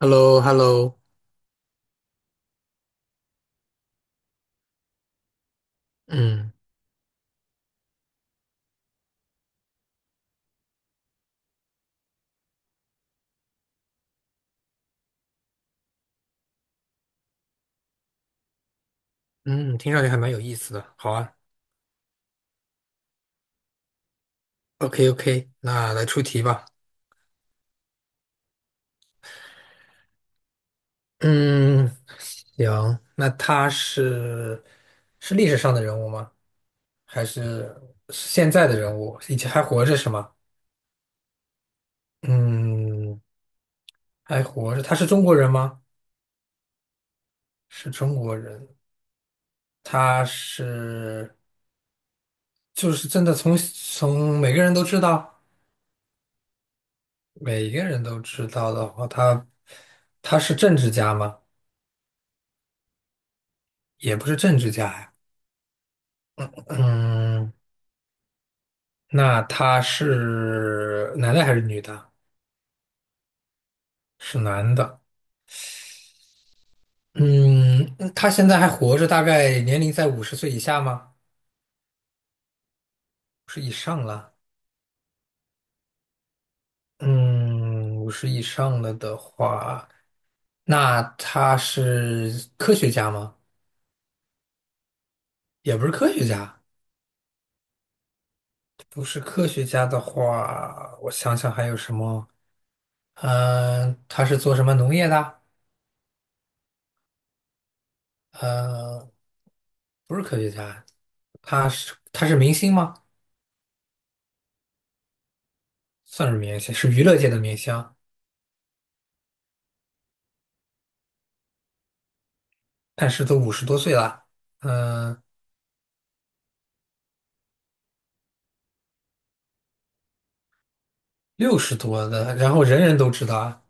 h e l l o h e l l o 嗯嗯，听上去还蛮有意思的。好啊，OK OK，那来出题吧。嗯，行，那他是历史上的人物吗？还是现在的人物？以前还活着是吗？嗯，还活着。他是中国人吗？是中国人。他是就是真的从每个人都知道，每个人都知道的话，他是政治家吗？也不是政治家呀。嗯，那他是男的还是女的？是男的。嗯，他现在还活着，大概年龄在50岁以下吗？五十以上了。嗯，五十以上了的话，那他是科学家吗？也不是科学家，不是科学家的话，我想想还有什么？嗯、他是做什么农业的？呃，不是科学家，他是明星吗？算是明星，是娱乐界的明星，但是都50多岁了，嗯、六十多的，然后人人都知道啊。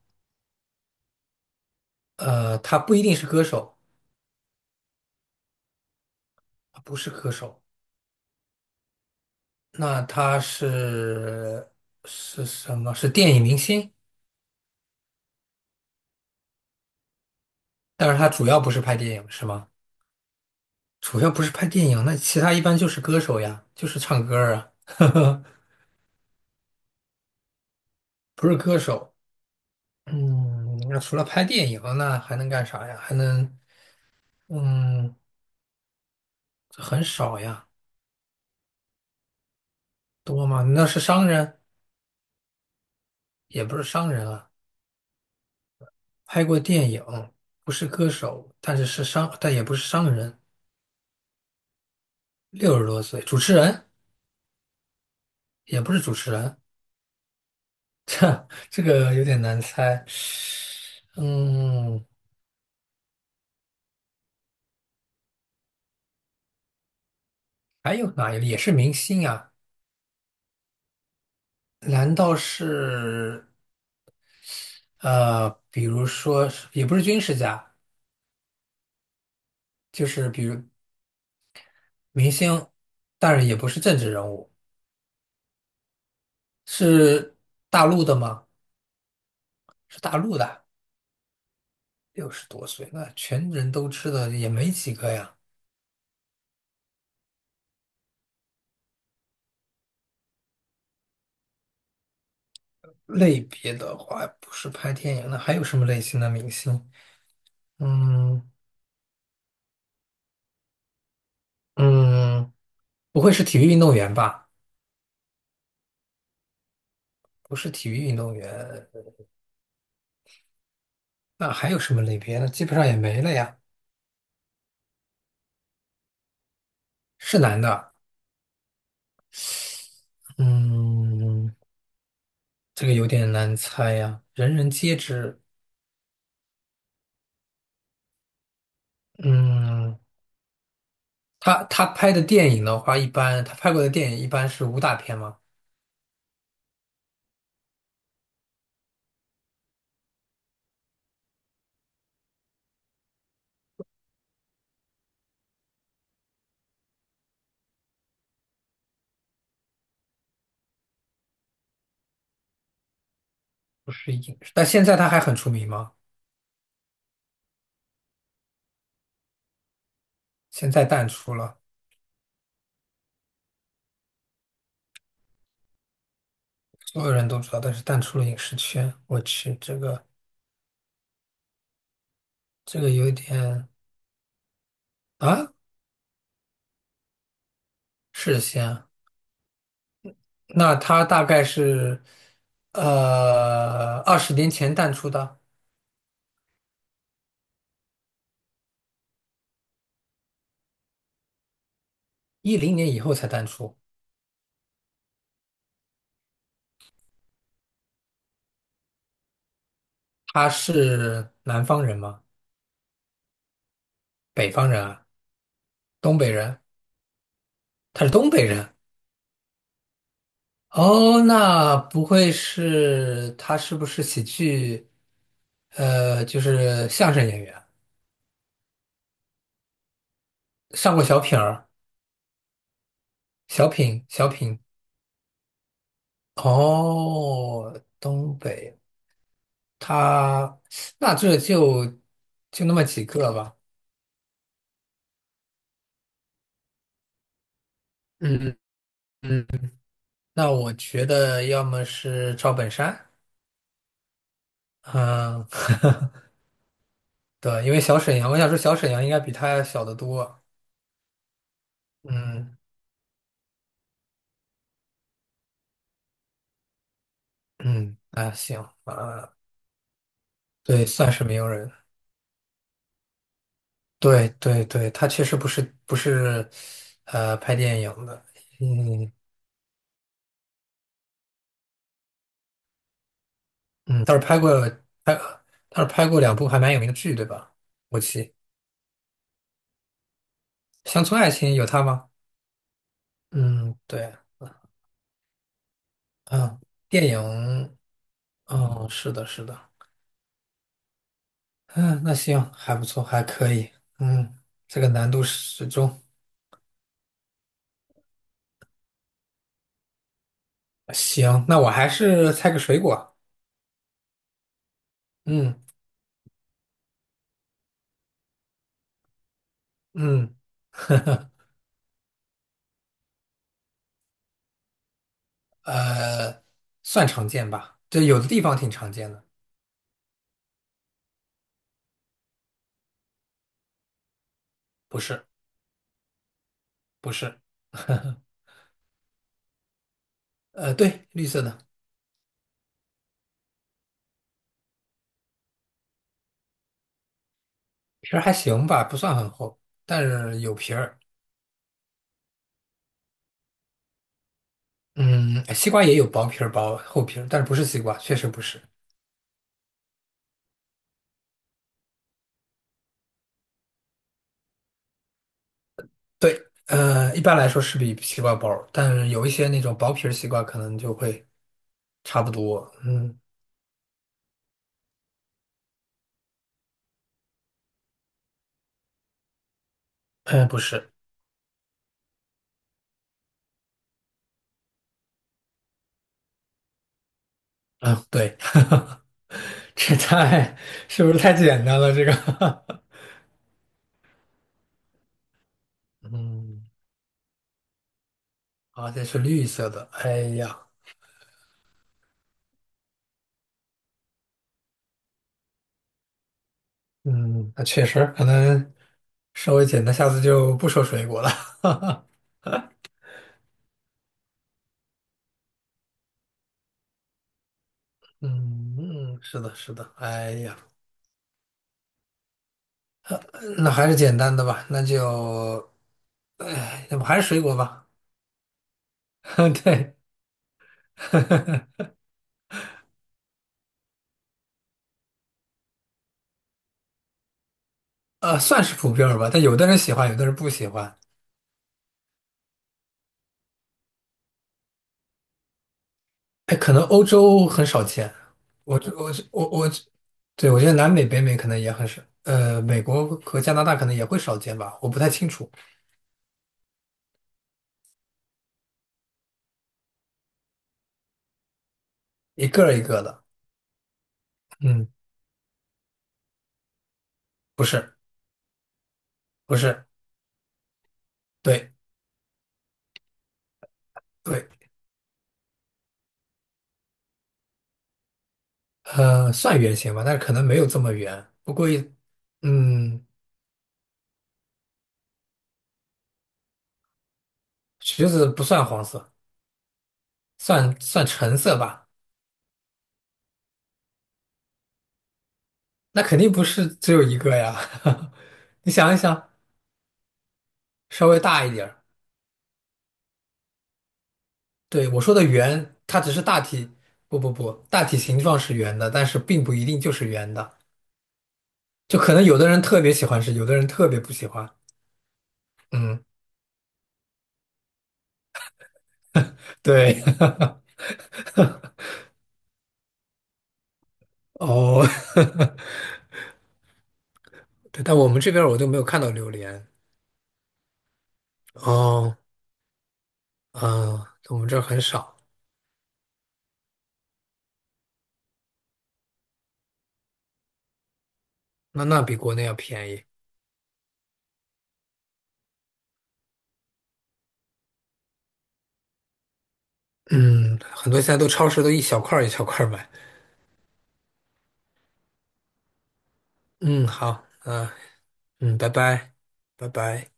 他不一定是歌手，他不是歌手，那他是什么？是电影明星，但是他主要不是拍电影，是吗？主要不是拍电影，那其他一般就是歌手呀，就是唱歌儿啊，呵呵，不是歌手。嗯，那除了拍电影，那还能干啥呀？还能，嗯，很少呀，多吗？那是商人。也不是商人啊，拍过电影，不是歌手，但是是商，但也不是商人，六十多岁，主持人也不是主持人，这个有点难猜。嗯，还有哪一类也是明星啊？难道是比如说是也不是军事家，就是比如明星，但是也不是政治人物，是大陆的吗？是大陆的，六十多岁，那全人都知道也没几个呀。类别的话，不是拍电影，的，还有什么类型的明星？嗯嗯，不会是体育运动员吧？不是体育运动员，那还有什么类别呢？基本上也没了呀。是男的，嗯，这个有点难猜呀，人人皆知。嗯，他拍的电影的话，一般他拍过的电影一般是武打片吗？不是影视，但现在他还很出名吗？现在淡出了，所有人都知道，但是淡出了影视圈。我去，这个。这个有点啊，是先，那他大概是20年前淡出的，2010年以后才淡出。他是南方人吗？北方人啊？东北人？他是东北人。哦，那不会是他是不是喜剧？就是相声演员，上过小品儿、小品、小品。哦，东北。他那这就那么几个吧。嗯嗯，那我觉得要么是赵本山，嗯，对，因为小沈阳，我想说小沈阳应该比他小得多。嗯嗯，啊行啊，对，算是没有人。对对对，他确实不是不是，拍电影的。嗯嗯，拍，倒是拍过两部还蛮有名的剧，对吧？我记《乡村爱情》有他吗？嗯，对。嗯，电影，嗯，是的，是的，嗯，那行，还不错，还可以，嗯，这个难度适中，行，那我还是猜个水果，嗯嗯，呃，算常见吧，这有的地方挺常见的，不是不是，对，绿色的皮儿还行吧，不算很厚，但是有皮儿，嗯，西瓜也有薄皮儿薄厚皮儿，但是不是西瓜，确实不是，对，一般来说是比西瓜薄儿但是有一些那种薄皮儿西瓜可能就会差不多。嗯，不是，嗯，对，这太，是不是太简单了？这个，嗯，而且是绿色的。哎呀，嗯，那确实可能稍微简单，下次就不说水果了。嗯嗯，是的，是的。哎呀，那还是简单的吧，那就，哎，要不还是水果吧？对。算是普遍儿吧，但有的人喜欢，有的人不喜欢。哎，可能欧洲很少见，我我我我，对，我觉得南美、北美可能也很少，美国和加拿大可能也会少见吧，我不太清楚，一个儿一个的。嗯，不是，不是，对对，算圆形吧，但是可能没有这么圆。不过也，嗯，橘子不算黄色，算算橙色吧。那肯定不是只有一个呀，你想一想，稍微大一点儿。对，我说的圆，它只是大体，不不不，大体形状是圆的，但是并不一定就是圆的，就可能有的人特别喜欢吃，有的人特别不喜欢。嗯，对，哦，对，但我们这边儿我都没有看到榴莲。哦，嗯，我们这儿很少，那比国内要便宜。嗯，很多现在都超市都一小块儿一小块儿买。嗯，好，嗯、嗯，拜拜，拜拜。